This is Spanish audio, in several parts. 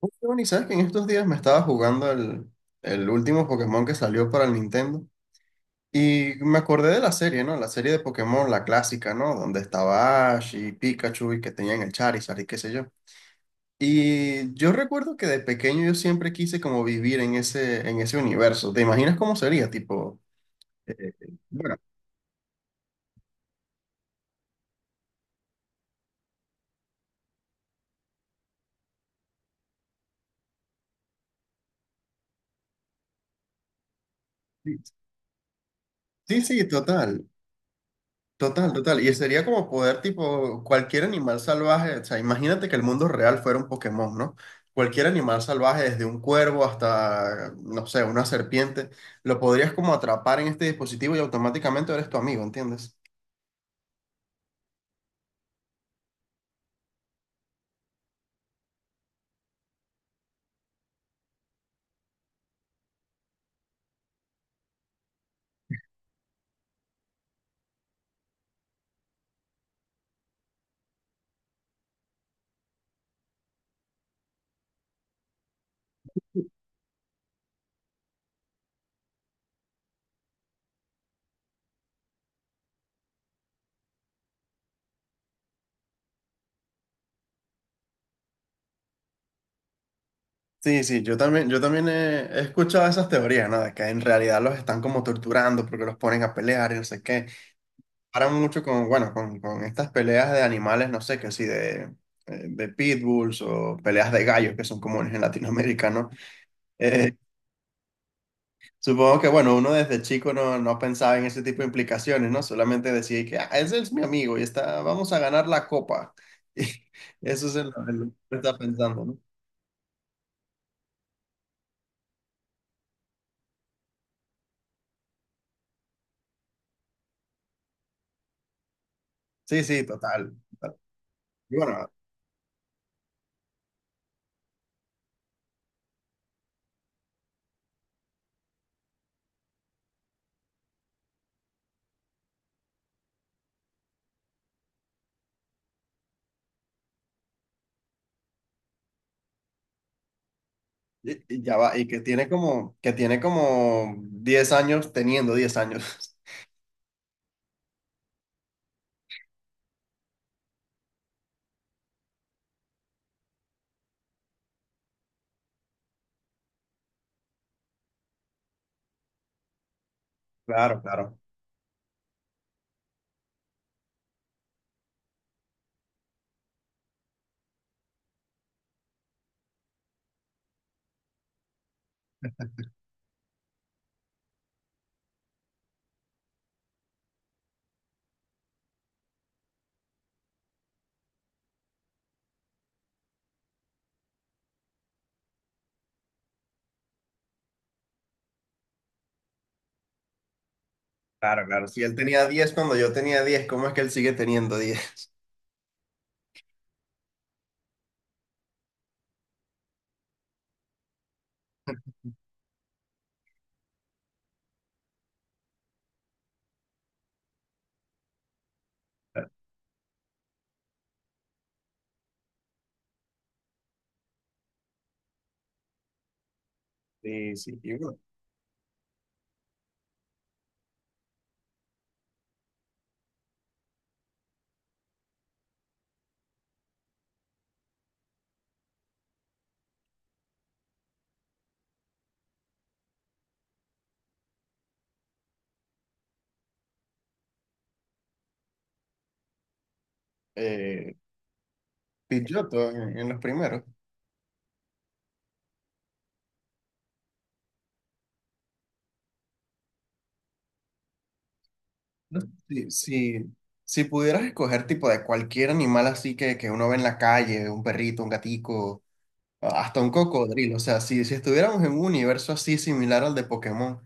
Oye, Giovanni, ¿sabes que en estos días me estaba jugando el último Pokémon que salió para el Nintendo? Y me acordé de la serie, ¿no? La serie de Pokémon, la clásica, ¿no? Donde estaba Ash y Pikachu y que tenían el Charizard y qué sé yo. Y yo recuerdo que de pequeño yo siempre quise como vivir en ese universo. ¿Te imaginas cómo sería? Tipo, eh, bueno, sí, sí, sí, total. Total, total. Y sería como poder, tipo, cualquier animal salvaje. O sea, imagínate que el mundo real fuera un Pokémon, ¿no? Cualquier animal salvaje, desde un cuervo hasta, no sé, una serpiente, lo podrías como atrapar en este dispositivo y automáticamente eres tu amigo, ¿entiendes? Sí, sí, yo también he escuchado esas teorías, ¿no? De que en realidad los están como torturando porque los ponen a pelear y no sé qué. Paran mucho con, bueno, con estas peleas de animales, no sé, que sí, de pitbulls o peleas de gallos que son comunes en Latinoamérica, ¿no? Eh, supongo que, bueno, uno desde chico no pensaba en ese tipo de implicaciones, ¿no? Solamente decía que, ah, ese es mi amigo y está, vamos a ganar la copa. Y eso es en lo que está pensando, ¿no? Sí, sí, total. Total. Y bueno, y ya va, y que tiene como 10 años teniendo 10 años. Claro, claro, claro, claro. Si él tenía 10 cuando yo tenía 10, ¿cómo es que él sigue teniendo 10? Sí, sí, y bueno, eh, Pidgeotto en los primeros. No, Si, si, si pudieras escoger tipo de cualquier animal así que uno ve en la calle, un perrito, un gatico, hasta un cocodrilo, o sea, si estuviéramos en un universo así similar al de Pokémon,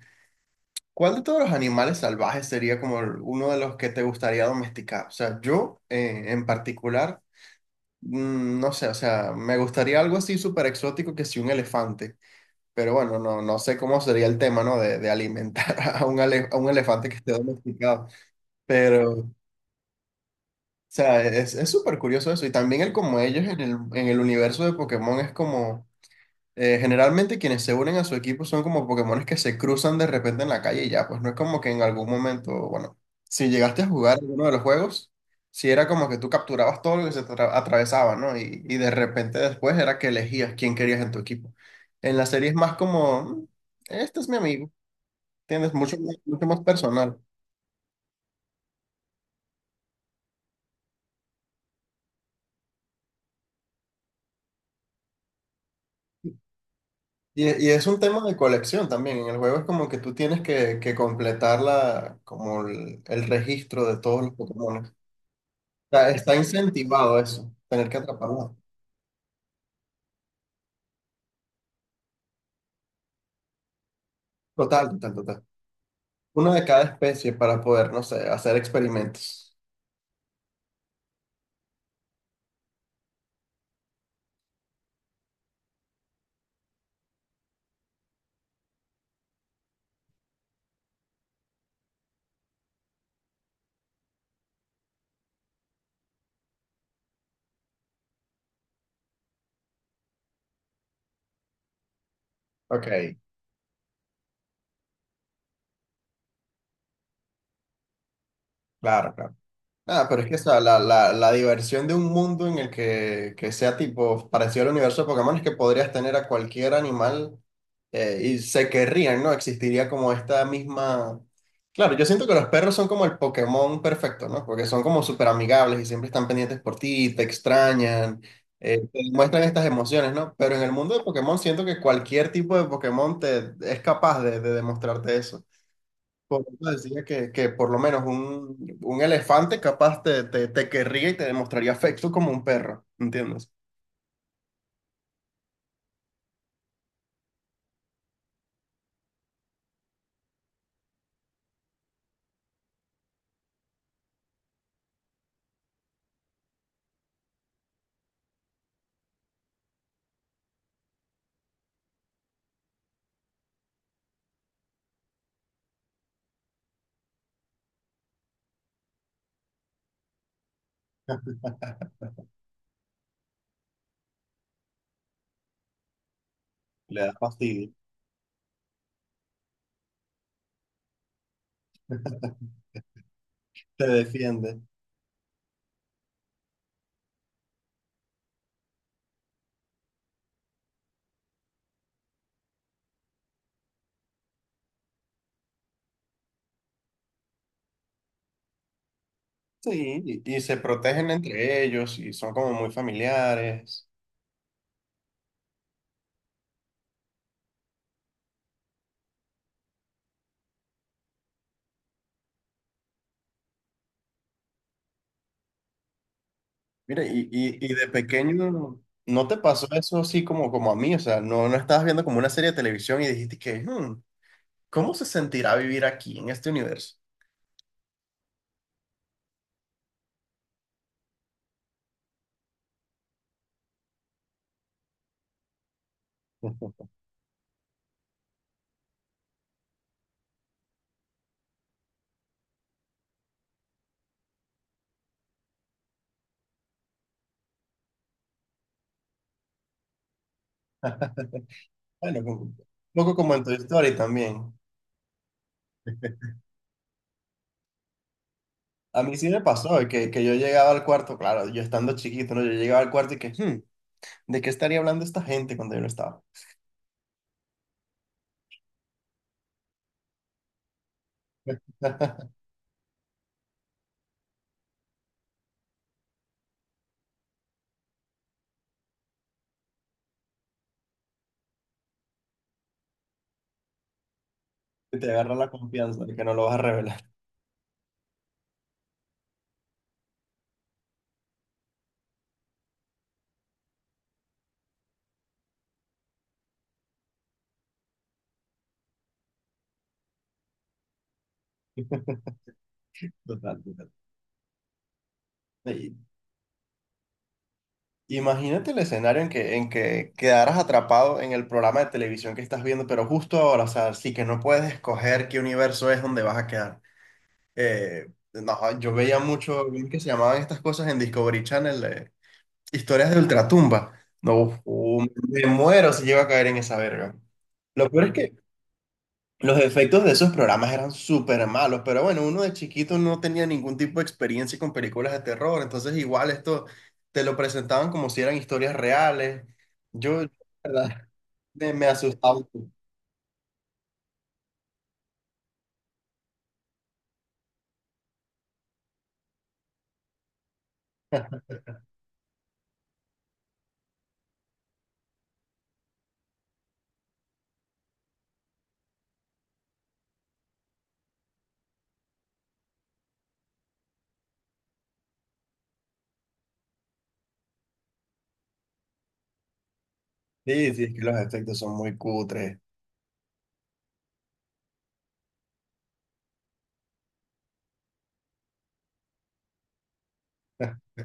¿cuál de todos los animales salvajes sería como uno de los que te gustaría domesticar? O sea, yo en particular, no sé, o sea, me gustaría algo así súper exótico que si un elefante, pero bueno, no sé cómo sería el tema, ¿no? De alimentar a un elefante que esté domesticado, pero. O sea, es súper curioso eso. Y también el como ellos en el universo de Pokémon es como, generalmente quienes se unen a su equipo son como Pokémones que se cruzan de repente en la calle y ya, pues no es como que en algún momento, bueno, si llegaste a jugar alguno de los juegos, si era como que tú capturabas todo lo que se te atravesaba, ¿no? Y de repente después era que elegías quién querías en tu equipo. En la serie es más como, este es mi amigo, tienes mucho, mucho más personal." Y es un tema de colección también. En el juego es como que tú tienes que completar la, como el registro de todos los Pokémon. Está incentivado eso, tener que atraparlos. Total, total, total. Uno de cada especie para poder, no sé, hacer experimentos. Ok, claro, claro. Ah, pero es que o sea, la diversión de un mundo en el que sea tipo parecido al universo de Pokémon es que podrías tener a cualquier animal y se querrían, ¿no? Existiría como esta misma. Claro, yo siento que los perros son como el Pokémon perfecto, ¿no? Porque son como súper amigables y siempre están pendientes por ti, te extrañan, te muestran estas emociones, ¿no? Pero en el mundo de Pokémon siento que cualquier tipo de Pokémon es capaz de demostrarte eso. Por eso decía que por lo menos un elefante capaz te querría y te demostraría afecto como un perro, ¿entiendes? Le da fastidio, te defiende. Sí, y se protegen entre ellos y son como muy familiares. Mira, y de pequeño, ¿no te pasó eso así como a mí? O sea, no estabas viendo como una serie de televisión y dijiste que, "Hmm, ¿cómo se sentirá vivir aquí, en este universo?" Bueno, un poco como en tu historia también. A mí sí me pasó de que yo llegaba al cuarto, claro, yo estando chiquito, ¿no? Yo llegaba al cuarto y que, "Hmm, ¿de qué estaría hablando esta gente cuando yo no estaba?" Y te agarra la confianza de que no lo vas a revelar. Total, total. Y- Imagínate el escenario en que quedaras atrapado en el programa de televisión que estás viendo, pero justo ahora, o sea, sí que no puedes escoger qué universo es donde vas a quedar. Eh, no, yo veía mucho, ¿cómo es que se llamaban estas cosas en Discovery Channel? Historias de Ultratumba. No, me muero si llego a caer en esa verga. Lo peor es que los efectos de esos programas eran súper malos, pero bueno, uno de chiquito no tenía ningún tipo de experiencia con películas de terror, entonces igual esto te lo presentaban como si eran historias reales. Yo, la verdad, me asustaba. Sí, sí, es que los efectos son muy cutres.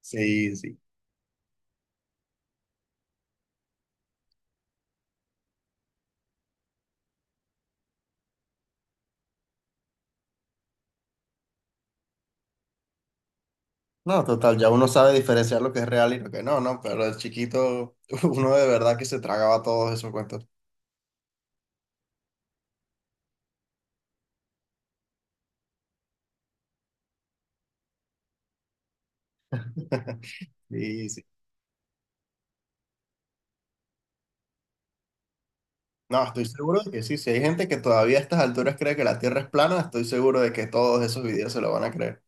Sí, sí. No, total, ya uno sabe diferenciar lo que es real y lo que no, ¿no? Pero de chiquito, uno de verdad que se tragaba todos esos cuentos. Sí, sí. No, estoy seguro de que sí. Si hay gente que todavía a estas alturas cree que la Tierra es plana, estoy seguro de que todos esos videos se lo van a creer.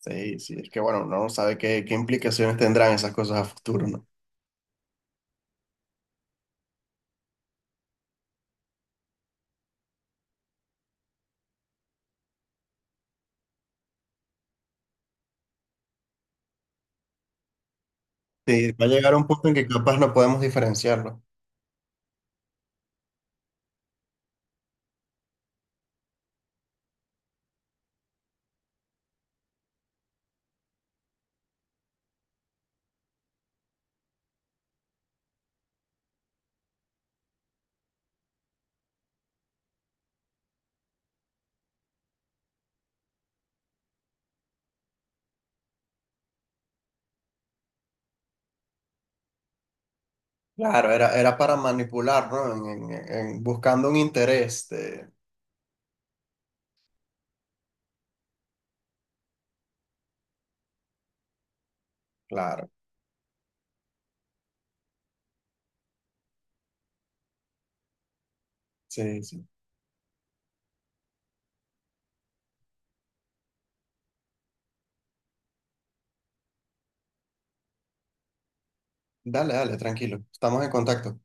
Sí, sí. Es que bueno, uno no sabe qué implicaciones tendrán esas cosas a futuro, ¿no? Sí, va a llegar un punto en que capaz no podemos diferenciarlo. Claro, era para manipular, ¿no? En- buscando un interés. Claro. Sí, sí. Dale, dale, tranquilo. Estamos en contacto.